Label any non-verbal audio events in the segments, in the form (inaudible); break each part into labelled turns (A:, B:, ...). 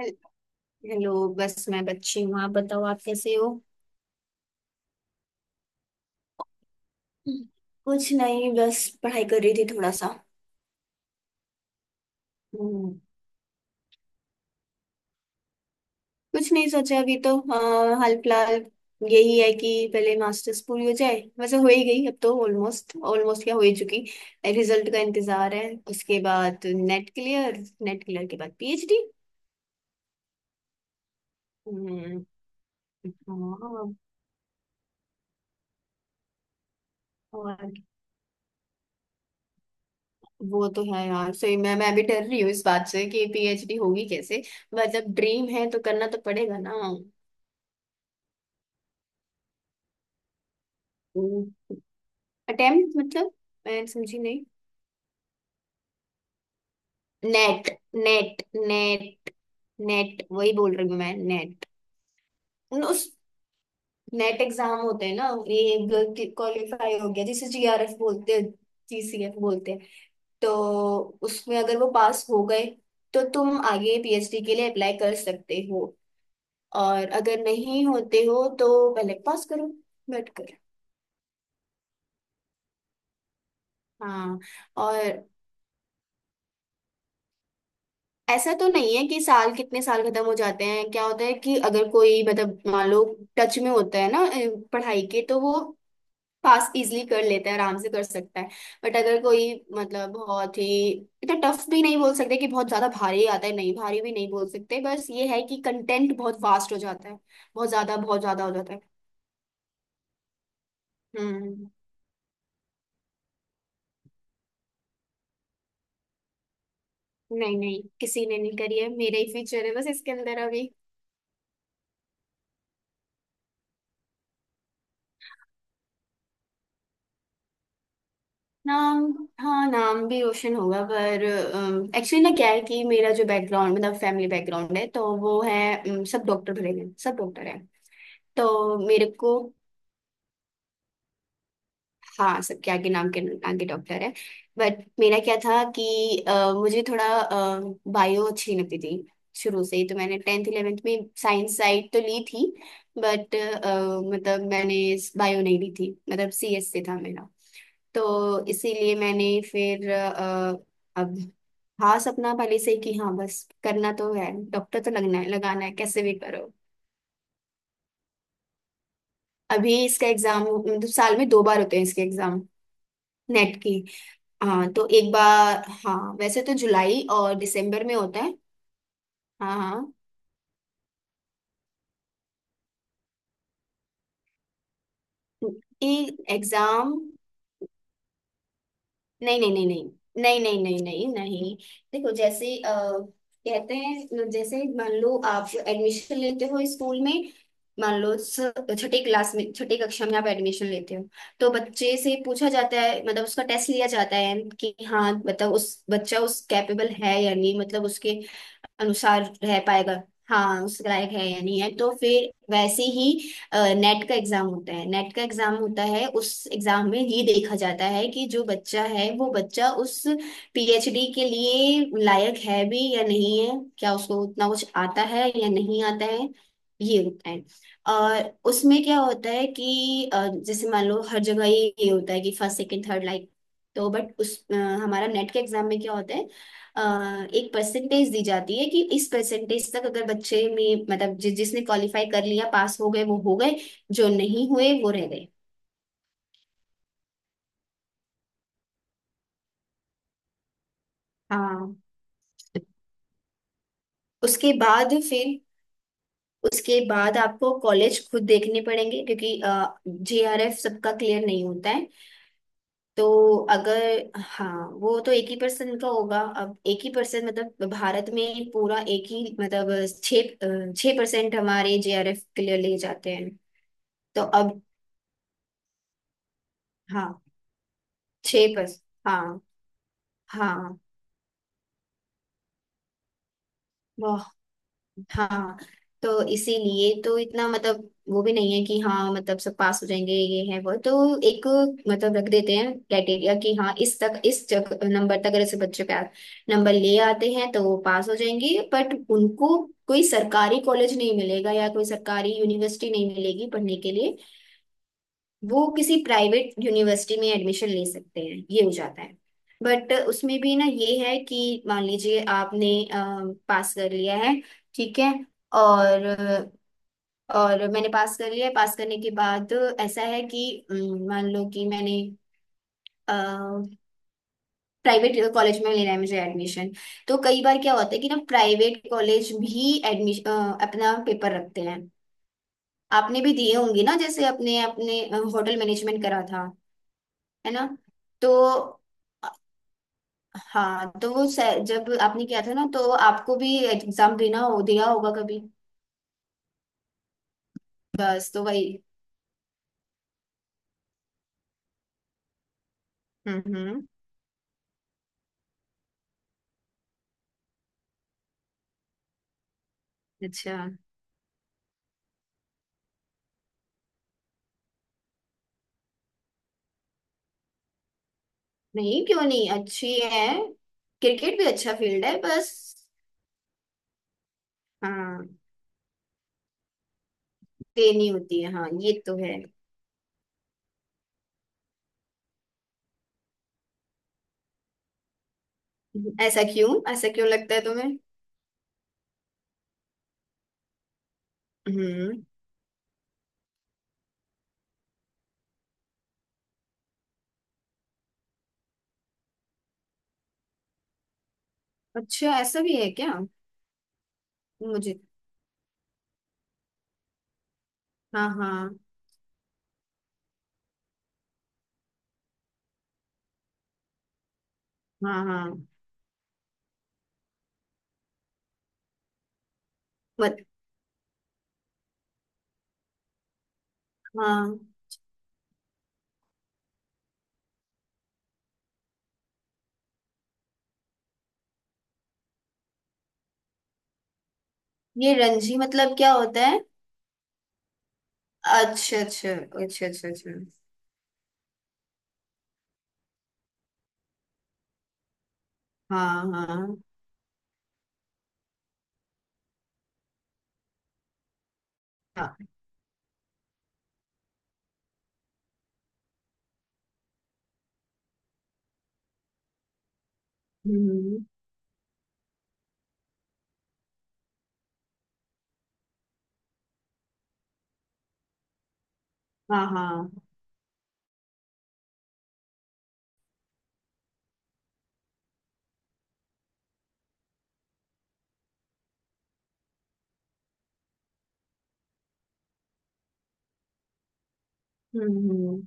A: Hello- hello. बस मैं बच्ची हूँ, आप बताओ आप कैसे हो? कुछ नहीं, बस पढ़ाई कर रही थी थोड़ा सा। हम्म, कुछ नहीं सोचा अभी तो। हाँ, हाल फिलहाल यही है कि पहले मास्टर्स पूरी हो जाए, वैसे हो ही गई, अब तो ऑलमोस्ट ऑलमोस्ट क्या हो ही चुकी। रिजल्ट का इंतजार है। उसके बाद नेट क्लियर, नेट क्लियर के बाद पीएचडी। हम्म। हाँ। और वो तो है यार, सही। मैं भी डर रही हूँ इस बात से कि पीएचडी होगी कैसे। मतलब ड्रीम है तो करना तो पड़ेगा ना। अटेम्प्ट, मतलब मैं समझी नहीं। नेट, नेट, नेट, नेट वही बोल रही हूँ मैं, नेट। उस नेट एग्जाम होते हैं ना ये, क्वालिफाई हो गया जिसे जीआरएफ बोलते हैं, जीसीएफ बोलते हैं, तो उसमें अगर वो पास हो गए तो तुम आगे पीएचडी के लिए अप्लाई कर सकते हो। और अगर नहीं होते हो तो पहले पास करो, बैठ कर। हाँ। और ऐसा तो नहीं है कि साल कितने साल खत्म हो जाते हैं, क्या होता है कि अगर कोई, मतलब मान लो, टच में होता है ना पढ़ाई के, तो वो पास इजली कर लेता है, आराम से कर सकता है। बट अगर कोई, मतलब बहुत ही, इतना टफ भी नहीं बोल सकते कि बहुत ज्यादा भारी आता है, नहीं, भारी भी नहीं बोल सकते, बस ये है कि कंटेंट बहुत वास्ट हो जाता है, बहुत ज्यादा हो जाता है। हम्म। नहीं नहीं, किसी ने नहीं करी है, मेरा ही फ्यूचर है बस इसके अंदर अभी। नाम। हाँ, नाम भी रोशन होगा, पर एक्चुअली ना क्या है कि मेरा जो बैकग्राउंड, मतलब फैमिली बैकग्राउंड है, तो वो है, सब डॉक्टर भरे हैं, सब डॉक्टर हैं। तो मेरे को, हाँ, सबके आगे नाम के आगे डॉक्टर है। बट मेरा क्या था कि मुझे थोड़ा बायो अच्छी लगती थी शुरू से ही, तो मैंने 10th 11th में साइंस साइड तो ली थी। बट, मतलब मैंने बायो नहीं ली थी, मतलब सीएस से था मेरा, तो इसीलिए मैंने फिर अब, हाँ सपना पहले से ही कि हाँ, बस करना तो है, डॉक्टर तो लगना है, लगाना है कैसे भी करो। अभी इसका एग्जाम, मतलब साल में दो बार होते हैं इसके एग्जाम। नेट की। हाँ, तो एक बार, हाँ, वैसे तो जुलाई और दिसंबर में होता है। हाँ हाँ, ये एग्जाम। नहीं नहीं नहीं नहीं नहीं, नहीं नहीं नहीं नहीं। देखो जैसे कहते हैं, जैसे मान लो आप एडमिशन लेते हो स्कूल में। मान लो, छठी क्लास में, छठी कक्षा में आप एडमिशन लेते हो, तो बच्चे से पूछा जाता है, मतलब उसका टेस्ट लिया जाता है कि हाँ मतलब उस बच्चा उस कैपेबल है या नहीं, मतलब उसके अनुसार रह पाएगा। हाँ, उस लायक है या नहीं है, तो फिर वैसे ही नेट का एग्जाम होता है। नेट का एग्जाम होता है, उस एग्जाम में ये देखा जाता है कि जो बच्चा है वो बच्चा उस पीएचडी के लिए लायक है भी या नहीं है, क्या उसको उतना कुछ आता है या नहीं आता है। ये होता है। और उसमें क्या होता है कि जैसे मान लो हर जगह ये होता है कि फर्स्ट सेकंड थर्ड लाइक। तो बट उस, हमारा नेट के एग्जाम में क्या होता है? अ, एक परसेंटेज दी जाती है कि इस परसेंटेज तक अगर बच्चे में, मतलब जिसने क्वालिफाई कर लिया, पास हो गए वो हो गए, जो नहीं हुए वो रह गए। हाँ, उसके बाद फिर, उसके बाद आपको कॉलेज खुद देखने पड़ेंगे, क्योंकि जेआरएफ सबका क्लियर नहीं होता है। तो अगर, हाँ वो तो एक ही पर्सन का होगा, अब एक ही पर्सन मतलब भारत में पूरा एक ही, मतलब छः छः परसेंट हमारे जेआरएफ क्लियर ले जाते हैं। तो अब हाँ, छह पर। हाँ। हाँ। वाह। हाँ। तो इसीलिए तो इतना, मतलब वो भी नहीं है कि हाँ मतलब सब पास हो जाएंगे, ये है वो तो, एक मतलब रख देते हैं क्राइटेरिया कि हाँ इस तक, नंबर तक अगर ऐसे बच्चे पास नंबर ले आते हैं तो वो पास हो जाएंगे, बट उनको कोई सरकारी कॉलेज नहीं मिलेगा या कोई सरकारी यूनिवर्सिटी नहीं मिलेगी पढ़ने के लिए। वो किसी प्राइवेट यूनिवर्सिटी में एडमिशन ले सकते हैं, ये हो जाता है। बट उसमें भी ना ये है कि मान लीजिए आपने पास कर लिया है, ठीक है, और और मैंने पास कर लिया है, पास करने के बाद ऐसा है कि मान लो कि मैंने प्राइवेट कॉलेज में लेना है मुझे एडमिशन। तो कई बार क्या होता है कि ना प्राइवेट कॉलेज भी एडमिशन अपना पेपर रखते हैं। आपने भी दिए होंगे ना, जैसे अपने अपने होटल मैनेजमेंट करा था। है ना? तो हाँ, तो जब आपने किया था ना, तो आपको भी एग्जाम देना हो दिया होगा कभी। बस तो वही। हम्म। अच्छा। नहीं, क्यों नहीं, अच्छी है, क्रिकेट भी अच्छा फील्ड है बस। हाँ देनी होती है, हाँ ये तो है। ऐसा क्यों लगता है तुम्हें? हम्म। अच्छा, ऐसा भी है क्या? मुझे। हाँ हाँ हाँ हाँ। मत हाँ। ये रणजी मतलब क्या होता है? अच्छा अच्छा अच्छा अच्छा अच्छा अच्छा। हाँ हाँ हाँ। हम्म। हाँ हाँ। हम्म।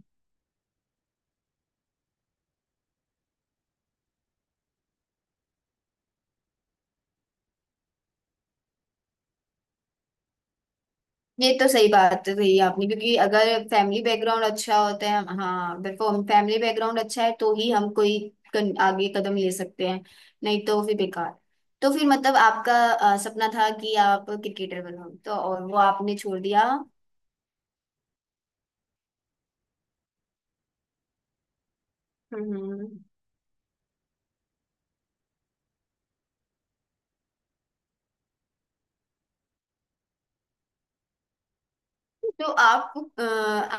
A: ये तो सही बात है, सही आपने, क्योंकि अगर फैमिली बैकग्राउंड अच्छा होता है, हाँ बिल्कुल, फैमिली बैकग्राउंड अच्छा है तो ही हम कोई आगे कदम ले सकते हैं, नहीं तो फिर बेकार। तो फिर, मतलब आपका सपना था कि आप क्रिकेटर बनो, तो और वो आपने छोड़ दिया। हम्म। तो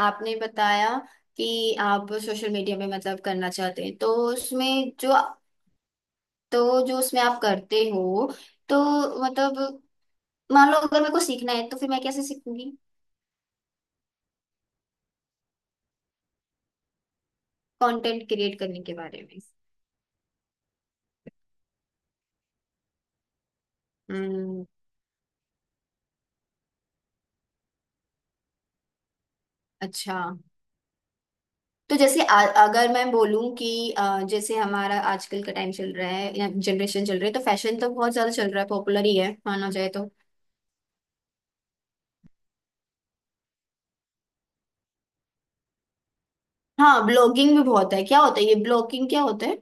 A: आपने बताया कि आप सोशल मीडिया में मतलब करना चाहते हैं, तो उसमें जो, तो जो उसमें आप करते हो, तो मतलब, मान लो अगर मेरे को सीखना है तो फिर मैं कैसे सीखूंगी? कंटेंट क्रिएट करने के बारे में। हम्म। अच्छा। तो जैसे अगर मैं बोलूं कि जैसे हमारा आजकल का टाइम चल रहा है या जनरेशन चल रही है, तो फैशन तो बहुत ज्यादा चल रहा है, पॉपुलर ही है माना जाए तो। हाँ, ब्लॉगिंग भी बहुत है, क्या होता है ये ब्लॉगिंग, क्या होता है?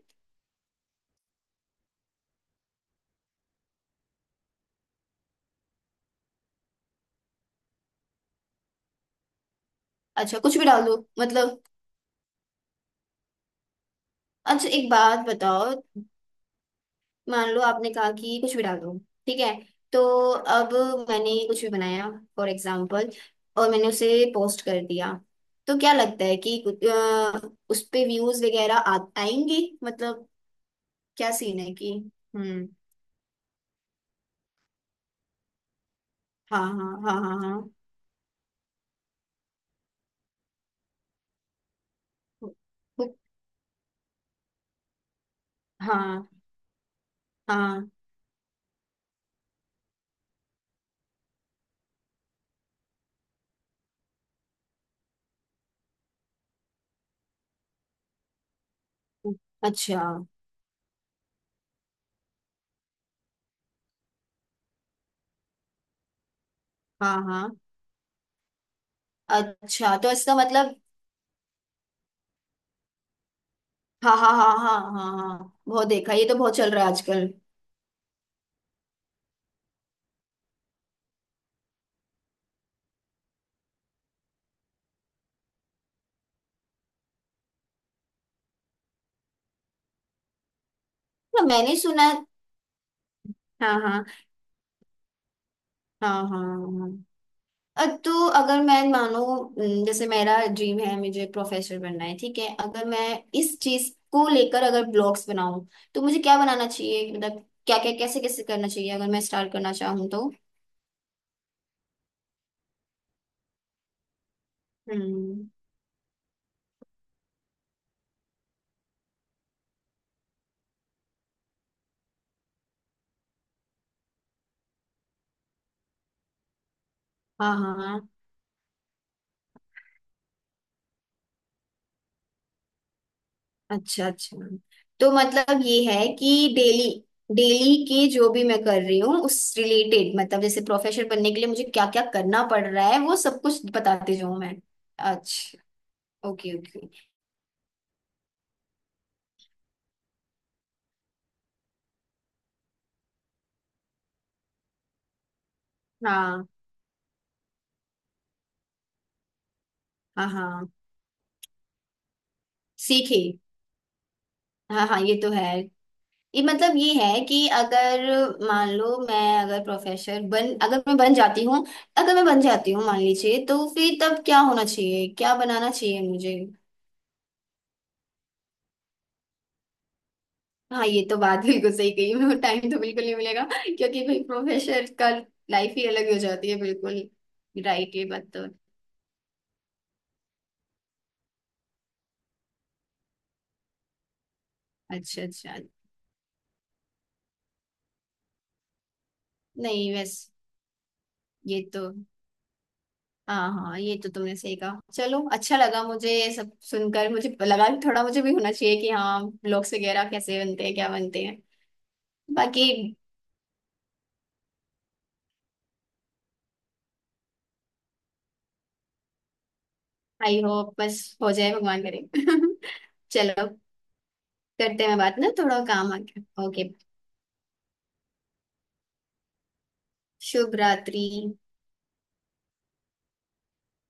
A: अच्छा, कुछ भी डाल दो मतलब? अच्छा, एक बात बताओ। मान लो आपने कहा कि कुछ भी डाल दो, ठीक है, तो अब मैंने कुछ भी बनाया फॉर एग्जाम्पल, और मैंने उसे पोस्ट कर दिया, तो क्या लगता है कि कुछ, उस पे व्यूज वगैरह आएंगे? मतलब क्या सीन है कि? हम्म। हाँ हाँ हाँ हाँ हाँ। हुक- हाँ हाँ। अच्छा। हाँ हाँ। अच्छा तो इसका मतलब। हाँ हाँ हाँ हाँ हाँ हाँ, बहुत देखा, ये तो बहुत चल रहा है आजकल। तो मैंने सुना है। हाँ हाँ हाँ हाँ हाँ। तो अगर मैं मानो न, जैसे मेरा ड्रीम है मुझे प्रोफेसर बनना है, ठीक है, अगर मैं इस चीज को लेकर अगर ब्लॉग्स बनाऊं, तो मुझे क्या बनाना चाहिए मतलब, क्या क्या कैसे कैसे करना चाहिए अगर मैं स्टार्ट करना चाहूँ तो? हम्म। हाँ हाँ हाँ। अच्छा अच्छा। तो मतलब ये है कि डेली, डेली के जो भी मैं कर रही हूँ उस रिलेटेड, मतलब जैसे प्रोफेसर बनने के लिए मुझे क्या क्या करना पड़ रहा है वो सब कुछ बताते जाऊँ मैं। अच्छा। Okay okay. हाँ हाँ हाँ। सीखे। हाँ हाँ, ये तो है। ये मतलब ये है कि अगर मान लो मैं, अगर मैं बन जाती हूँ अगर मैं बन जाती हूँ मान लीजिए, तो फिर तब क्या होना चाहिए, क्या बनाना चाहिए मुझे? हाँ ये तो बात बिल्कुल सही कही, मेरे को टाइम तो बिल्कुल नहीं मिलेगा, क्योंकि भाई प्रोफेसर का लाइफ ही अलग हो जाती है बिल्कुल। राइट, ये बात तो। अच्छा अच्छा। नहीं वैसे, ये तो, हाँ हाँ, ये तो तुमने सही कहा, चलो अच्छा लगा मुझे ये सब सुनकर, मुझे लगा कि थोड़ा मुझे भी होना चाहिए कि हाँ ब्लॉग्स वगैरह कैसे बनते हैं, क्या बनते हैं। बाकी आई होप, बस हो जाए भगवान करे (laughs) चलो, करते हैं बात ना, थोड़ा काम आ गया, ओके। शुभ रात्रि।